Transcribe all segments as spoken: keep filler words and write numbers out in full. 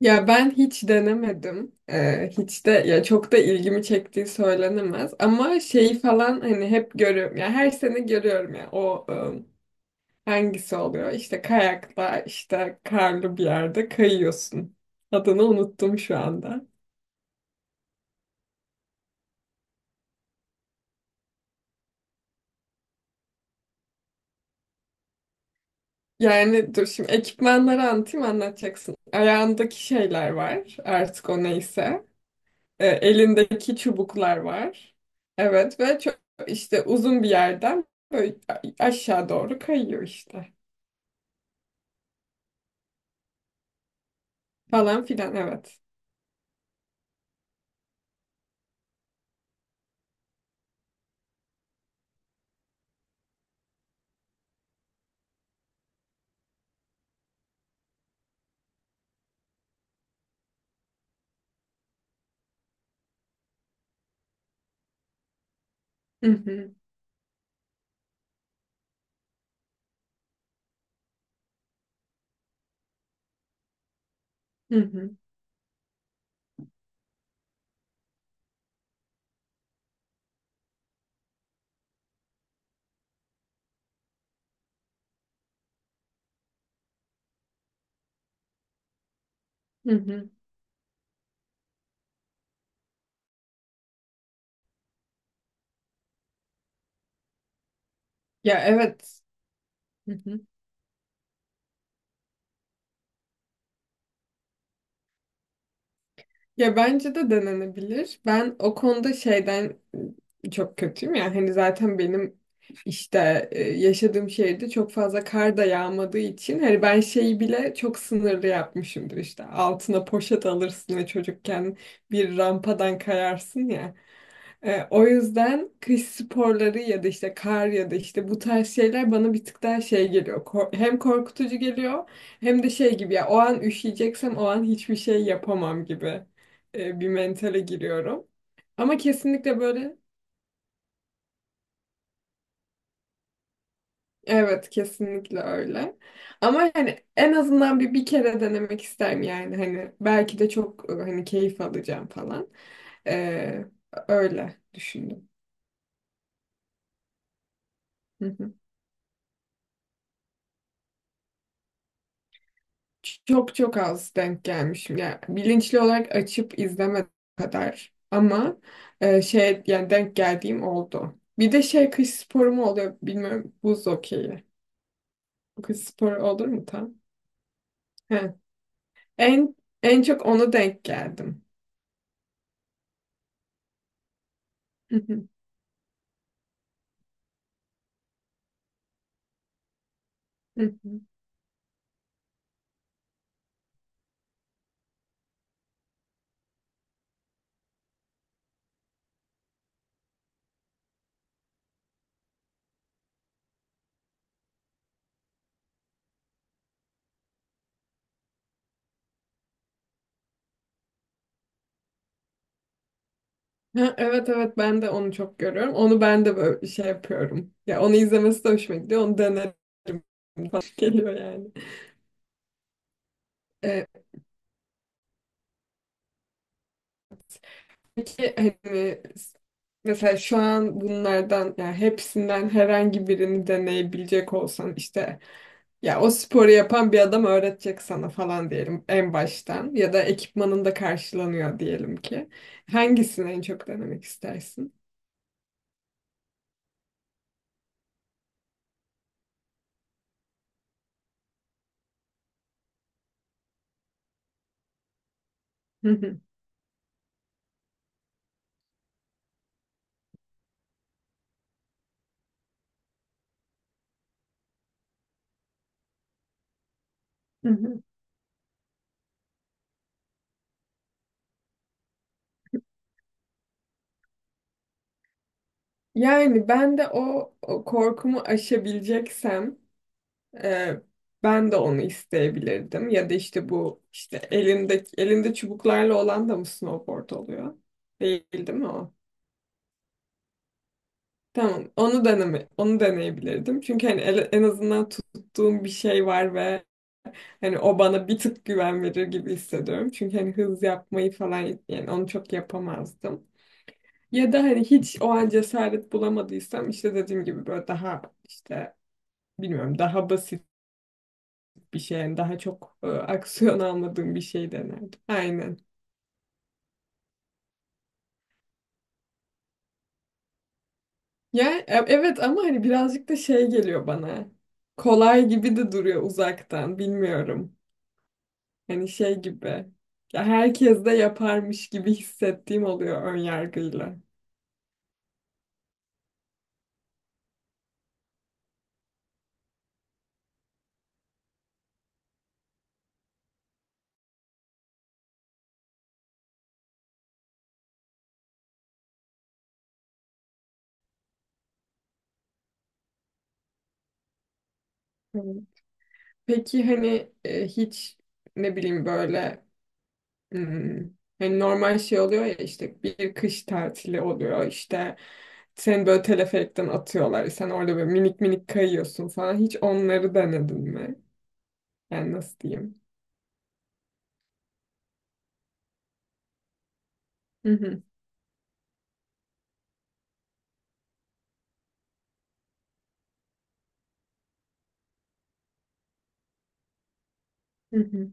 Ya ben hiç denemedim. Ee, hiç de ya çok da ilgimi çektiği söylenemez. Ama şeyi falan hani hep görüyorum. Ya her sene görüyorum ya o ım, hangisi oluyor? İşte kayakla işte karlı bir yerde kayıyorsun. Adını unuttum şu anda. Yani dur şimdi ekipmanları anlatayım anlatacaksın. Ayağındaki şeyler var artık o neyse. E, elindeki çubuklar var. Evet ve çok işte uzun bir yerden böyle aşağı doğru kayıyor işte. Falan filan evet. Hı hı, hı hı, hı hı. Ya evet. Hı hı. Ya bence de denenebilir. Ben o konuda şeyden çok kötüyüm ya. Hani zaten benim işte e, yaşadığım şehirde çok fazla kar da yağmadığı için hani ben şeyi bile çok sınırlı yapmışımdır işte. Altına poşet alırsın ve çocukken bir rampadan kayarsın ya. E, o yüzden kış sporları ya da işte kar ya da işte bu tarz şeyler bana bir tık daha şey geliyor. Kor- hem korkutucu geliyor hem de şey gibi ya o an üşüyeceksem o an hiçbir şey yapamam gibi e, bir mentale giriyorum. Ama kesinlikle böyle evet kesinlikle öyle. Ama hani en azından bir bir kere denemek isterim yani hani belki de çok e, hani keyif alacağım falan. E, Öyle düşündüm. Çok çok az denk gelmişim. Yani bilinçli olarak açıp izleme kadar. Ama e, şey yani denk geldiğim oldu. Bir de şey kış sporu mu oluyor bilmiyorum. Buz hokeyi. Kış sporu olur mu tam? He. En en çok onu denk geldim. Hı hı, hı hı. Ha, evet evet ben de onu çok görüyorum. Onu ben de böyle şey yapıyorum. Ya onu izlemesi de hoşuma gidiyor. Onu denerim falan geliyor yani. E, Peki hani mesela şu an bunlardan yani hepsinden herhangi birini deneyebilecek olsan işte ya o sporu yapan bir adam öğretecek sana falan diyelim en baştan ya da ekipmanın da karşılanıyor diyelim ki. Hangisini en çok denemek istersin? Hı hı, hı hı. Yani ben de o, o korkumu aşabileceksem Ee, ben de onu isteyebilirdim. Ya da işte bu işte elinde elinde çubuklarla olan da mı snowboard oluyor? Değil, değil mi o? Tamam. Onu deneme, onu deneyebilirdim. Çünkü hani ele- en azından tuttuğum bir şey var ve hani o bana bir tık güven verir gibi hissediyorum. Çünkü hani hız yapmayı falan yani onu çok yapamazdım. Ya da hani hiç o an cesaret bulamadıysam işte dediğim gibi böyle daha işte bilmiyorum daha basit bir şey. Yani daha çok e, aksiyon almadığım bir şey denerdim. Aynen. Ya e- evet ama hani birazcık da şey geliyor bana. Kolay gibi de duruyor uzaktan. Bilmiyorum. Hani şey gibi. Ya herkes de yaparmış gibi hissettiğim oluyor ön yargıyla. Hı. Peki hani e, hiç ne bileyim böyle hmm, hani normal şey oluyor ya işte bir kış tatili oluyor işte seni böyle teleferikten atıyorlar sen orada böyle minik minik kayıyorsun falan hiç onları denedin mi? Yani nasıl diyeyim? Hı hı, hı hı,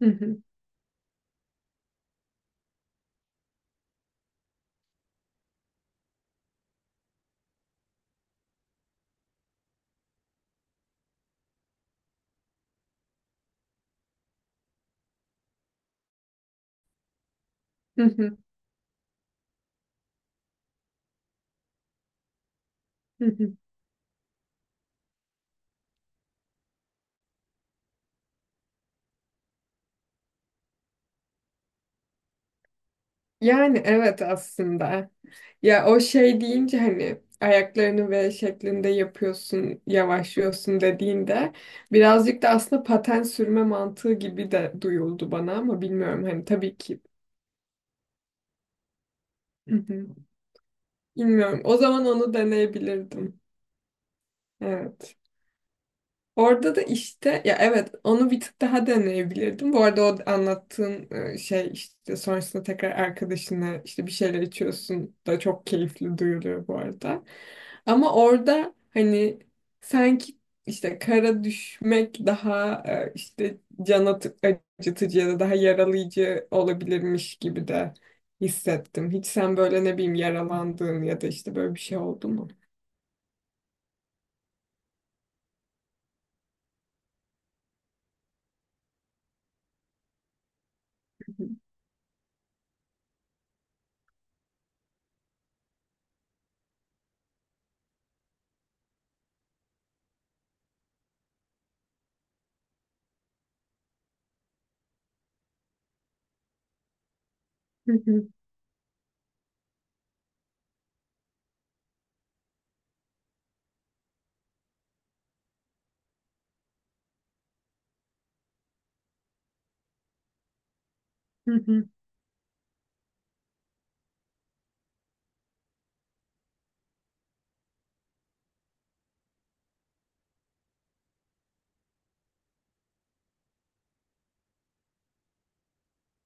hı hı, hı hı, hı hı. Yani evet aslında. Ya o şey deyince hani ayaklarını V şeklinde yapıyorsun, yavaşlıyorsun dediğinde birazcık da aslında paten sürme mantığı gibi de duyuldu bana ama bilmiyorum hani tabii ki. Hı hı. Bilmiyorum. O zaman onu deneyebilirdim. Evet. Orada da işte ya evet onu bir tık daha deneyebilirdim. Bu arada o anlattığın e, şey işte sonrasında tekrar arkadaşına işte bir şeyler içiyorsun da çok keyifli duyuluyor bu arada. Ama orada hani sanki işte kara düşmek daha e, işte can atı- acıtıcı ya da daha yaralayıcı olabilirmiş gibi de hissettim. Hiç sen böyle ne bileyim yaralandığın ya da işte böyle bir şey oldu mu?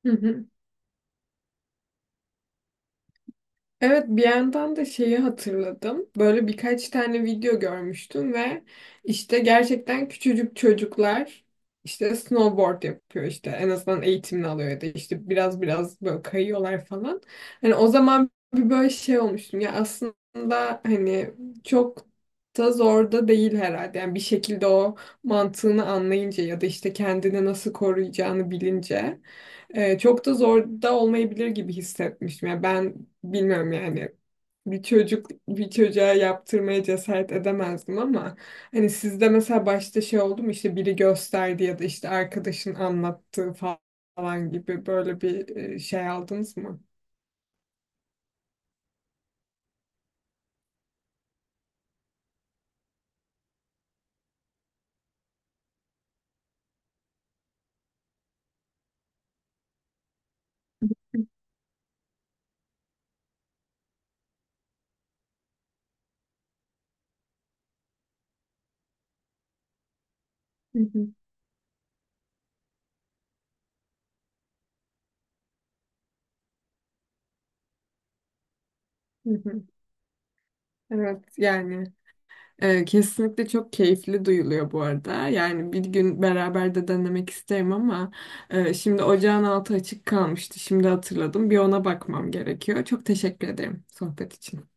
Evet bir yandan da şeyi hatırladım. Böyle birkaç tane video görmüştüm ve işte gerçekten küçücük çocuklar işte snowboard yapıyor işte en azından eğitimini alıyor ya da işte biraz biraz böyle kayıyorlar falan. Hani o zaman bir böyle şey olmuştum ya aslında hani çok da zor da değil herhalde. Yani bir şekilde o mantığını anlayınca ya da işte kendini nasıl koruyacağını bilince. Ee, çok da zor da olmayabilir gibi hissetmiştim. Yani ben bilmiyorum yani bir çocuk bir çocuğa yaptırmaya cesaret edemezdim ama hani sizde mesela başta şey oldu mu işte biri gösterdi ya da işte arkadaşın anlattığı falan gibi böyle bir e, şey aldınız mı? Hı hı, hı hı. Evet yani. Ee, kesinlikle çok keyifli duyuluyor bu arada. Yani bir gün beraber de denemek isterim ama e, şimdi ocağın altı açık kalmıştı. Şimdi hatırladım. Bir ona bakmam gerekiyor. Çok teşekkür ederim sohbet için.